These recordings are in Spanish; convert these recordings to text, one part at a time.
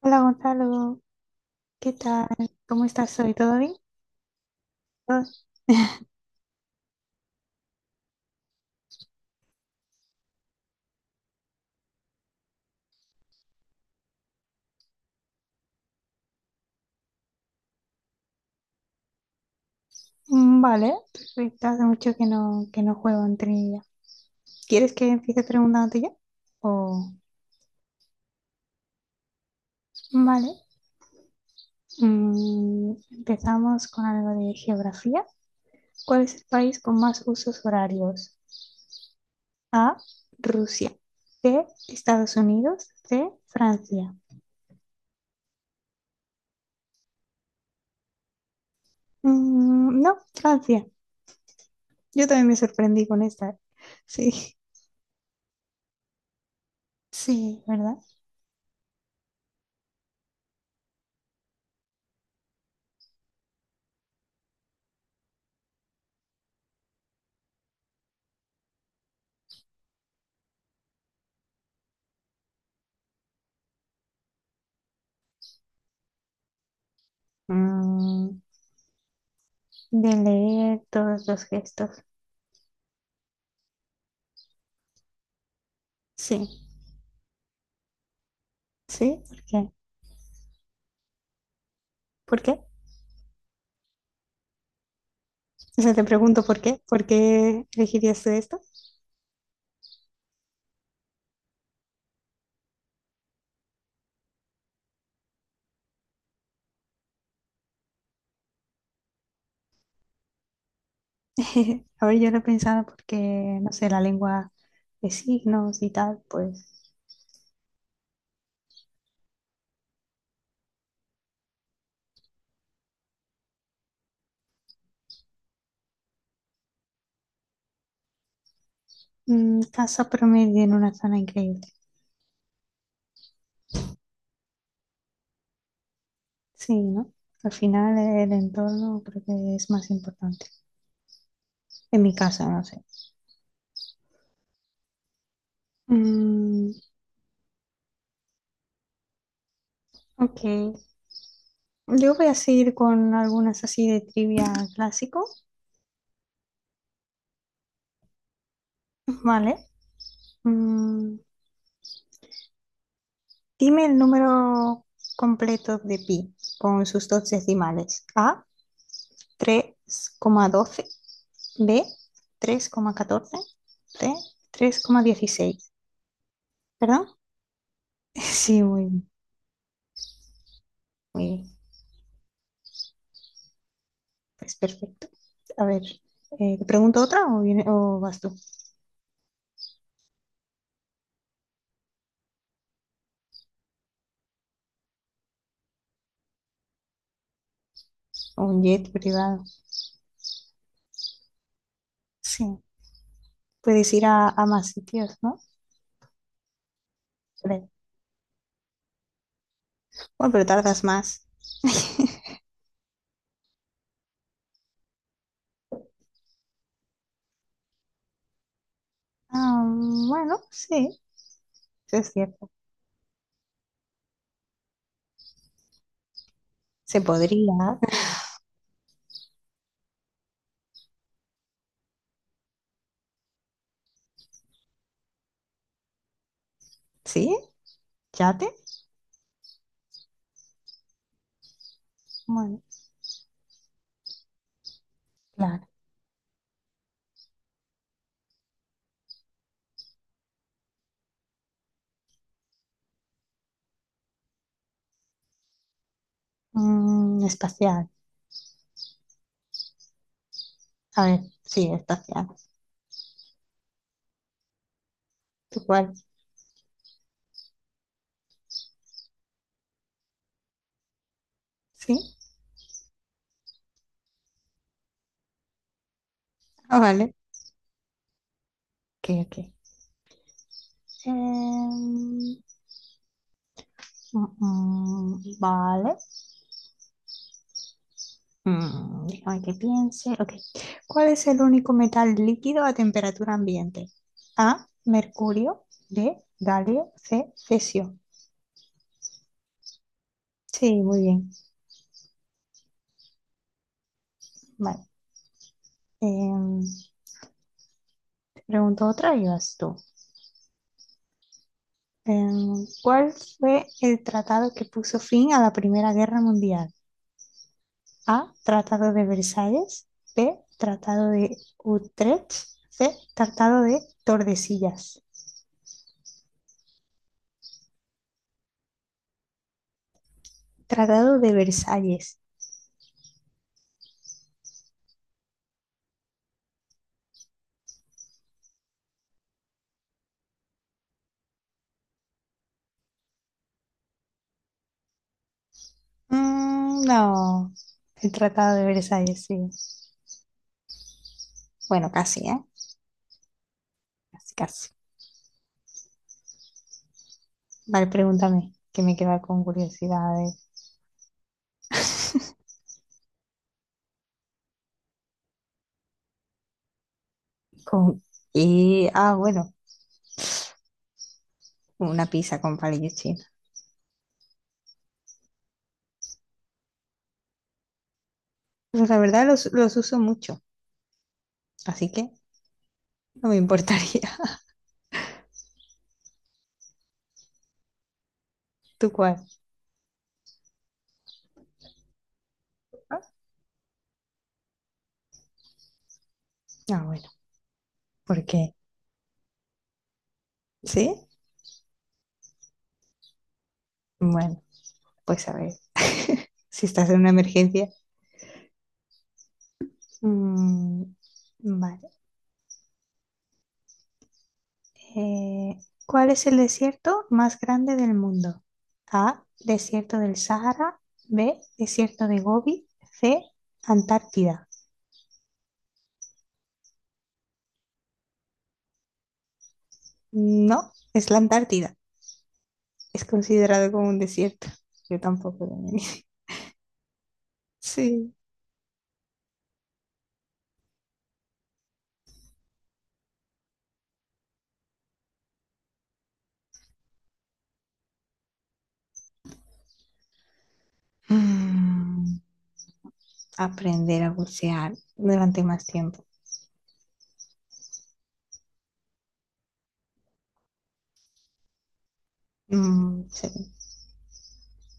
Hola Gonzalo, ¿qué tal? ¿Cómo estás hoy? ¿Todo bien? Ah, vale, perfecto. Hace mucho que no juego en trivia. ¿Quieres que empiece preguntándote yo? O... Vale. Empezamos con algo de geografía. ¿Cuál es el país con más usos horarios? A, Rusia. B, Estados Unidos. C, Francia. No, Francia. Yo también me sorprendí con esta. Sí, sí, ¿verdad? Mm, de leer todos los gestos. Sí, sí, ¿por qué? ¿Por qué? O sea, te pregunto por qué. ¿Por qué elegirías tú esto? A ver, yo lo he pensado porque, no sé, la lengua de signos y tal, pues. Casa promedio en una zona increíble. Sí, ¿no? Al final el entorno creo que es más importante. En mi casa, no sé. Mm, ok. Yo voy a seguir con algunas así de trivia clásico, ¿vale? Mm, Dime el número completo de pi con sus dos decimales. A, 3,12. B, 3,14. C, 3,16. ¿Perdón? Sí, muy bien. Muy bien. Pues perfecto. A ver, ¿te pregunto otra o vas tú? O un jet privado. Sí. Puedes ir a más sitios, ¿no? Creo. Bueno, pero tardas más. Ah, bueno, sí, eso es cierto. Se podría. ¿Sí? ¿Yate? Bueno. Claro. Espacial. A ver, sí, espacial. ¿Tú cuál? Sí. Ah, vale. Ok, ok. Em, vale. Déjame que piense. Ok. ¿Cuál es el único metal líquido a temperatura ambiente? A, mercurio. B, galio. C, cesio. Sí, muy bien. Vale. Em, te pregunto otra y vas tú. ¿Cuál fue el tratado que puso fin a la Primera Guerra Mundial? A. Tratado de Versalles. B. Tratado de Utrecht. C. Tratado de Tordesillas. Tratado de Versalles. Mm, no. El Tratado de Versalles, sí. Bueno, casi, ¿eh? Casi, casi. Vale, pregúntame, que me queda con curiosidades. Con... Y, ah, bueno, una pizza con palillos chinos. Pues la verdad los uso mucho, así que no me importaría. ¿Tú cuál? Ah, bueno, porque, ¿sí? Bueno, pues a ver. Si estás en una emergencia. Mm, vale. Eh, ¿cuál es el desierto más grande del mundo? A, desierto del Sahara. B, desierto de Gobi. C, Antártida. No, es la Antártida. Es considerado como un desierto. Yo tampoco lo Sí. Mm, aprender a bucear durante más tiempo. Mm, sí,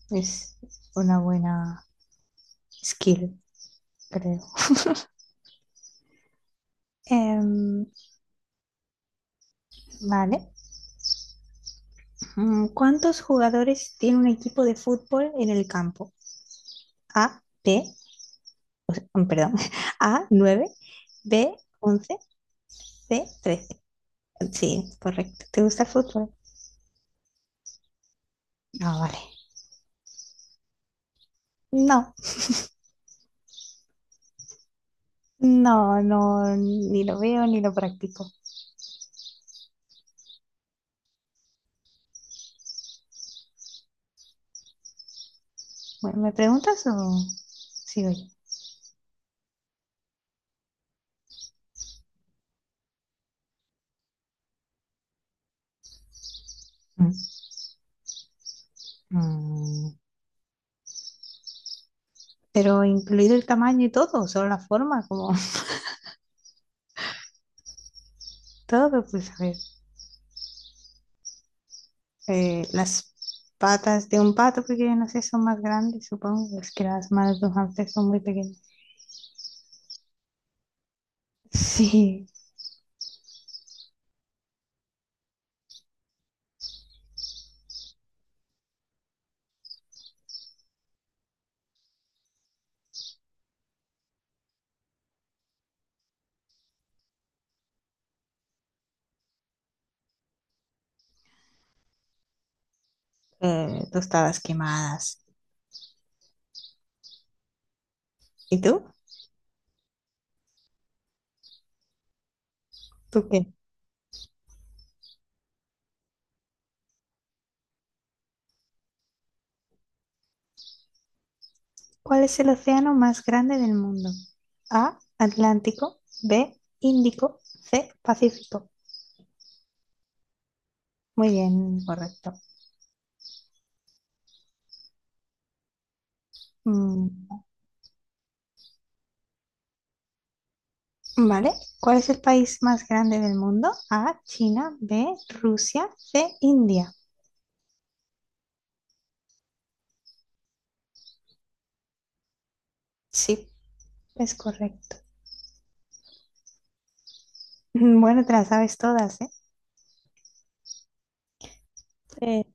es una buena skill, creo. Em, Vale. ¿Cuántos jugadores tiene un equipo de fútbol en el campo? A, B, o sea, perdón, A, 9, B, 11, C, 13. Sí, correcto. ¿Te gusta el fútbol? No vale. No, no, no, ni lo veo ni lo practico. Bueno, ¿me preguntas o sigo yo? Mm. Mm, Pero incluido el tamaño y todo, solo la forma, como todo, pues a ver. Las patas de un pato, porque yo no sé, son más grandes, supongo. Es que las manos de un hámster son muy pequeñas. Sí, tostadas quemadas. ¿Y tú? ¿Tú qué? ¿Cuál es el océano más grande del mundo? A, Atlántico, B, Índico, C, Pacífico. Muy bien, correcto. Mm, Vale, ¿cuál es el país más grande del mundo? A, China, B, Rusia, C, India. Sí, es correcto. Bueno, te las sabes todas, ¿eh? Sí,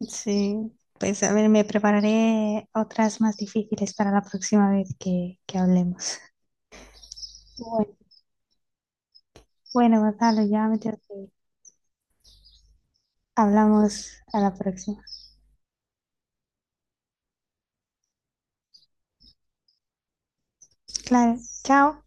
sí. Pues a ver, me prepararé otras más difíciles para la próxima vez que hablemos. Bueno, bueno, Gonzalo, ya me tengo que ir. Hablamos a la próxima. Claro, chao.